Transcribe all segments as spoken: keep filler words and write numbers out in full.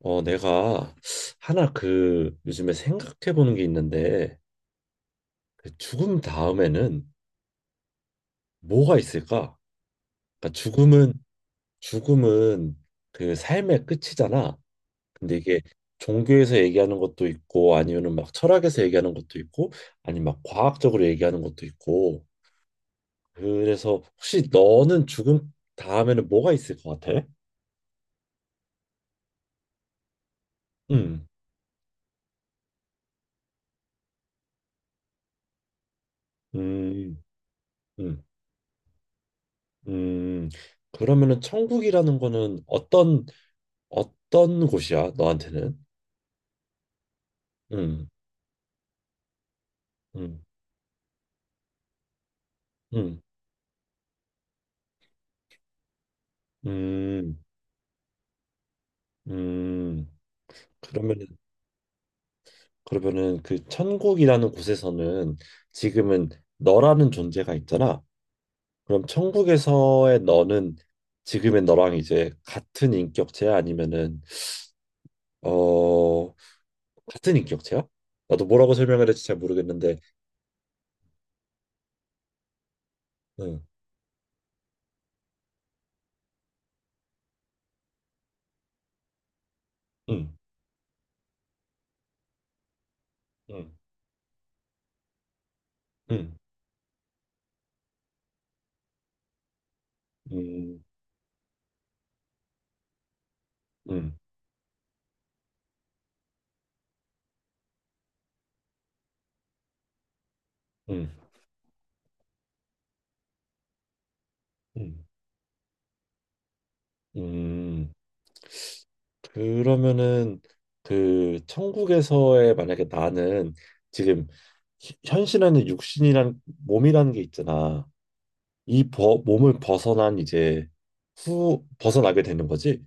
어, 내가 하나 그 요즘에 생각해 보는 게 있는데 그 죽음 다음에는 뭐가 있을까? 그러니까 죽음은 죽음은 그 삶의 끝이잖아. 근데 이게 종교에서 얘기하는 것도 있고 아니면은 막 철학에서 얘기하는 것도 있고 아니면 막 과학적으로 얘기하는 것도 있고 그래서 혹시 너는 죽음 다음에는 뭐가 있을 것 같아? 음, 음, 음, 음. 그러면은 천국이라는 거는 어떤 어떤 곳이야, 너한테는? 음, 음, 음, 음, 음. 그러면은, 그러면은 그 천국이라는 곳에서는 지금은 너라는 존재가 있잖아. 그럼 천국에서의 너는 지금의 너랑 이제 같은 인격체야? 아니면은, 어, 같은 인격체야? 나도 뭐라고 설명을 할지 잘 모르겠는데, 응, 응, 응, 응, 응, 응, 응, 응, 응. 그러면은 그 천국에서의 만약에 나는 지금 히- 현실 안에 육신이란 몸이라는 게 있잖아. 이 버, 몸을 벗어난 이제 후 벗어나게 되는 거지.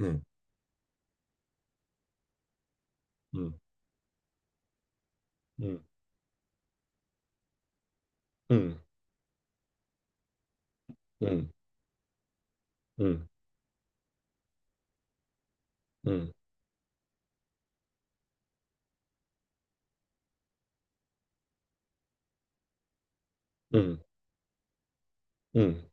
응, 응, 응, 응, 응, 응, 응, 응, 응. 응.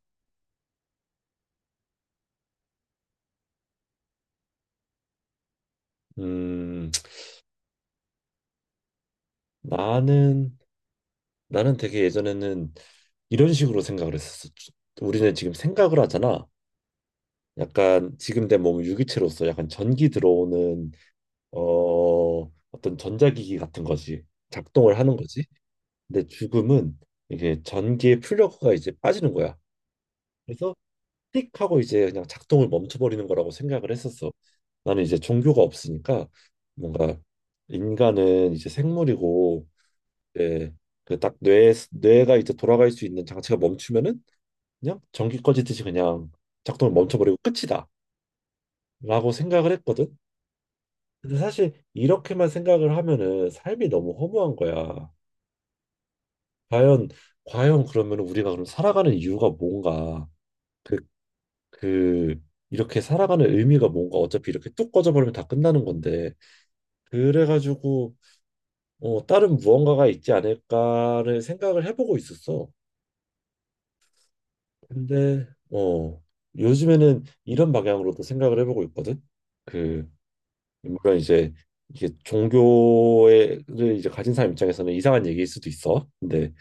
음, 나는 나는 되게 예전에는 이런 식으로 생각을 했었어. 우리는 지금 생각을 하잖아. 약간 지금 내 몸은 유기체로서 약간 전기 들어오는 어, 어떤 전자기기 같은 거지. 작동을 하는 거지. 근데 죽음은 이게 전기의 플러그가 이제 빠지는 거야. 그래서 띡 하고 이제 그냥 작동을 멈춰버리는 거라고 생각을 했었어. 나는 이제 종교가 없으니까 뭔가 인간은 이제 생물이고 이제 그딱 뇌, 뇌가 이제 돌아갈 수 있는 장치가 멈추면은 그냥 전기 꺼지듯이 그냥 작동을 멈춰버리고 끝이다 라고 생각을 했거든. 근데 사실 이렇게만 생각을 하면은 삶이 너무 허무한 거야. 과연 과연 그러면 우리가 그럼 살아가는 이유가 뭔가 그 그 이렇게 살아가는 의미가 뭔가 어차피 이렇게 뚝 꺼져버리면 다 끝나는 건데 그래가지고 어 다른 무언가가 있지 않을까를 생각을 해보고 있었어. 근데 어 요즘에는 이런 방향으로도 생각을 해보고 있거든. 그 물론 이제 이게 종교를 이제 가진 사람 입장에서는 이상한 얘기일 수도 있어. 근데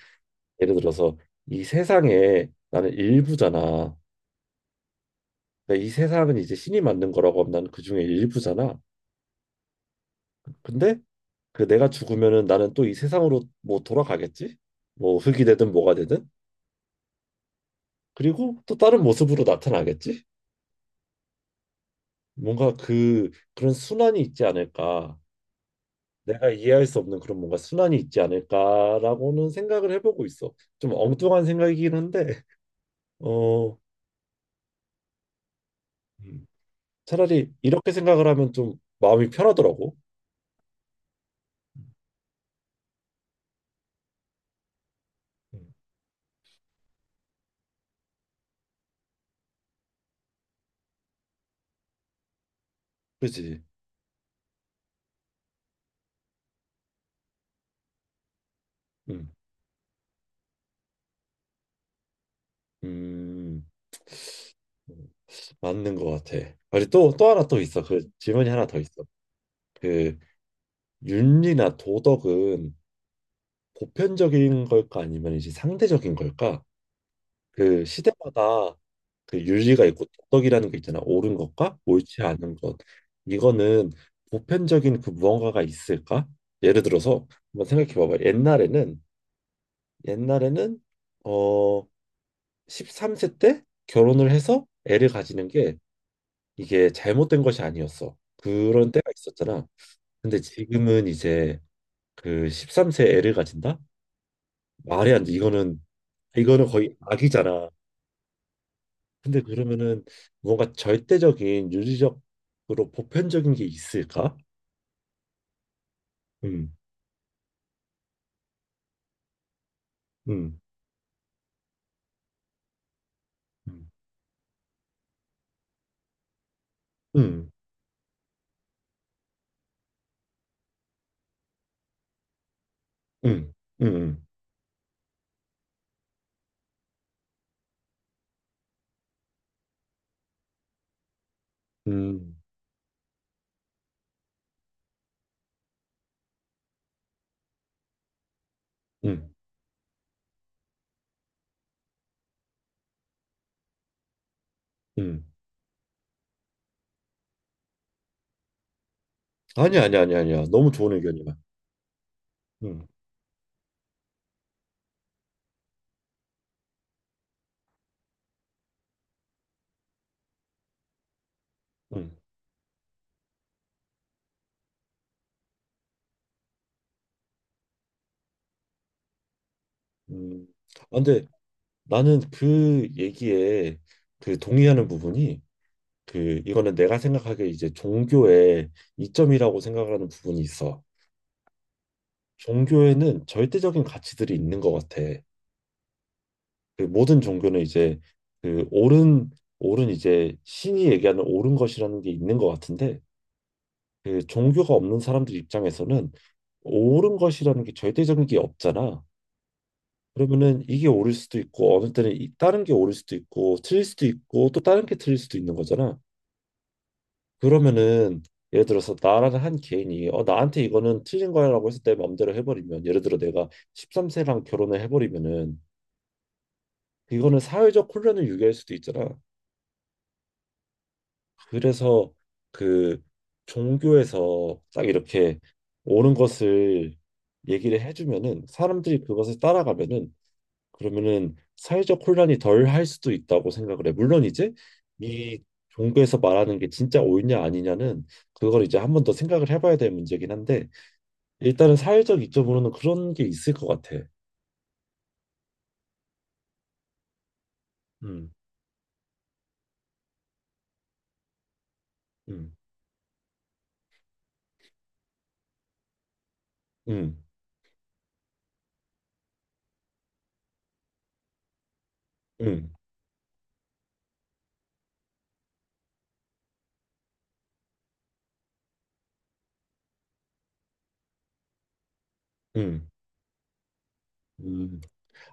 예를 들어서 이 세상에 나는 일부잖아. 그러니까 이 세상은 이제 신이 만든 거라고 하면 나는 그중에 일부잖아. 근데 그 내가 죽으면은 나는 또 이 세상으로 뭐 돌아가겠지? 뭐 흙이 되든 뭐가 되든. 그리고 또 다른 모습으로 나타나겠지? 뭔가 그 그런 순환이 있지 않을까? 내가 이해할 수 없는 그런 뭔가 순환이 있지 않을까라고는 생각을 해보고 있어. 좀 엉뚱한 생각이긴 한데 어 음. 차라리 이렇게 생각을 하면 좀 마음이 편하더라고. 음. 그지? 음. 음. 맞는 것 같아. 아니 또또 하나 또 있어. 그 질문이 하나 더 있어. 그 윤리나 도덕은 보편적인 걸까 아니면 이제 상대적인 걸까? 그 시대마다 그 윤리가 있고 도덕이라는 게 있잖아. 옳은 것과 옳지 않은 것. 이거는 보편적인 그 무언가가 있을까? 예를 들어서 한번 생각해 봐봐. 옛날에는 옛날에는 어 십삼 세 때 결혼을 해서 애를 가지는 게 이게 잘못된 것이 아니었어. 그런 때가 있었잖아. 근데 지금은 이제 그 십삼 세 애를 가진다? 말이 안 돼. 이거는 이거는 거의 악이잖아. 근데 그러면은 뭔가 절대적인 윤리적으로 보편적인 게 있을까? 음, 음, 음, 음, 음, 음, 음, 음, 음. 아니 야 아니 아니 아니야. 너무 좋은 의견이야. 음, 음, 음. 아, 근데 나는 그 얘기에 그 동의하는 부분이 그 이거는 내가 생각하기에 이제 종교의 이점이라고 생각하는 부분이 있어. 종교에는 절대적인 가치들이 있는 것 같아. 그 모든 종교는 이제 그 옳은 옳은 이제 신이 얘기하는 옳은 것이라는 게 있는 것 같은데 그 종교가 없는 사람들 입장에서는 옳은 것이라는 게 절대적인 게 없잖아. 그러면은 이게 옳을 수도 있고 어느 때는 이- 다른 게 옳을 수도 있고 틀릴 수도 있고 또 다른 게 틀릴 수도 있는 거잖아. 그러면은 예를 들어서 나라는 한 개인이 어 나한테 이거는 틀린 거야라고 해서 내 맘대로 해버리면 예를 들어 내가 십삼 세랑 결혼을 해버리면은 이거는 사회적 혼란을 유발할 수도 있잖아. 그래서 그 종교에서 딱 이렇게 옳은 것을 얘기를 해주면은 사람들이 그것을 따라가면은 그러면은 사회적 혼란이 덜 할 수도 있다고 생각을 해. 물론 이제 이 종교에서 말하는 게 진짜 옳냐 아니냐는 그걸 이제 한 번 더 생각을 해봐야 될 문제긴 한데 일단은 사회적 이점으로는 그런 게 있을 것 같아. 음, 음, 음, 음, 음, 음.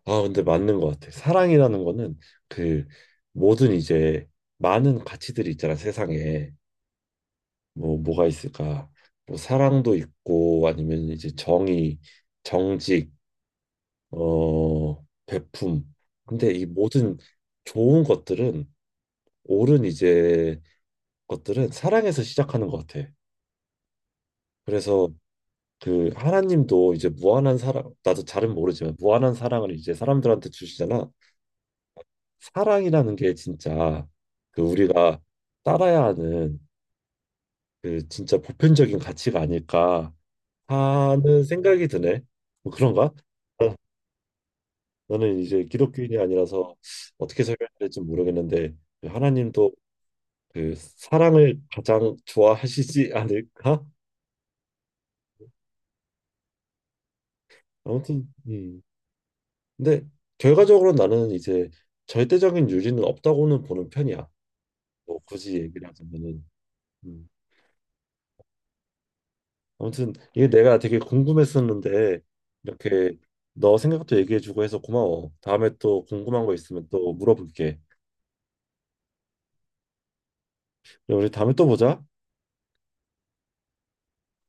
아, 근데 맞는 것 같아. 사랑이라는 거는 그 모든 이제 많은 가치들이 있잖아, 세상에. 뭐, 뭐가 있을까? 뭐, 사랑도 있고, 아니면 이제 정의, 정직, 어, 베품. 근데 이 모든 좋은 것들은, 옳은 이제 것들은 사랑에서 시작하는 것 같아. 그래서 그 하나님도 이제 무한한 사랑, 나도 잘은 모르지만 무한한 사랑을 이제 사람들한테 주시잖아. 사랑이라는 게 진짜 그 우리가 따라야 하는 그 진짜 보편적인 가치가 아닐까 하는 생각이 드네. 뭐 그런가? 어, 나는 이제 기독교인이 아니라서 어떻게 설명해야 될지 모르겠는데 그 하나님도 그 사랑을 가장 좋아하시지 않을까? 아무튼 음. 근데 결과적으로 나는 이제 절대적인 유리는 없다고는 보는 편이야. 뭐 굳이 얘기를 하자면은. 음. 아무튼 이게 내가 되게 궁금했었는데 이렇게 너 생각도 얘기해주고 해서 고마워. 다음에 또 궁금한 거 있으면 또 물어볼게. 우리 다음에 또 보자.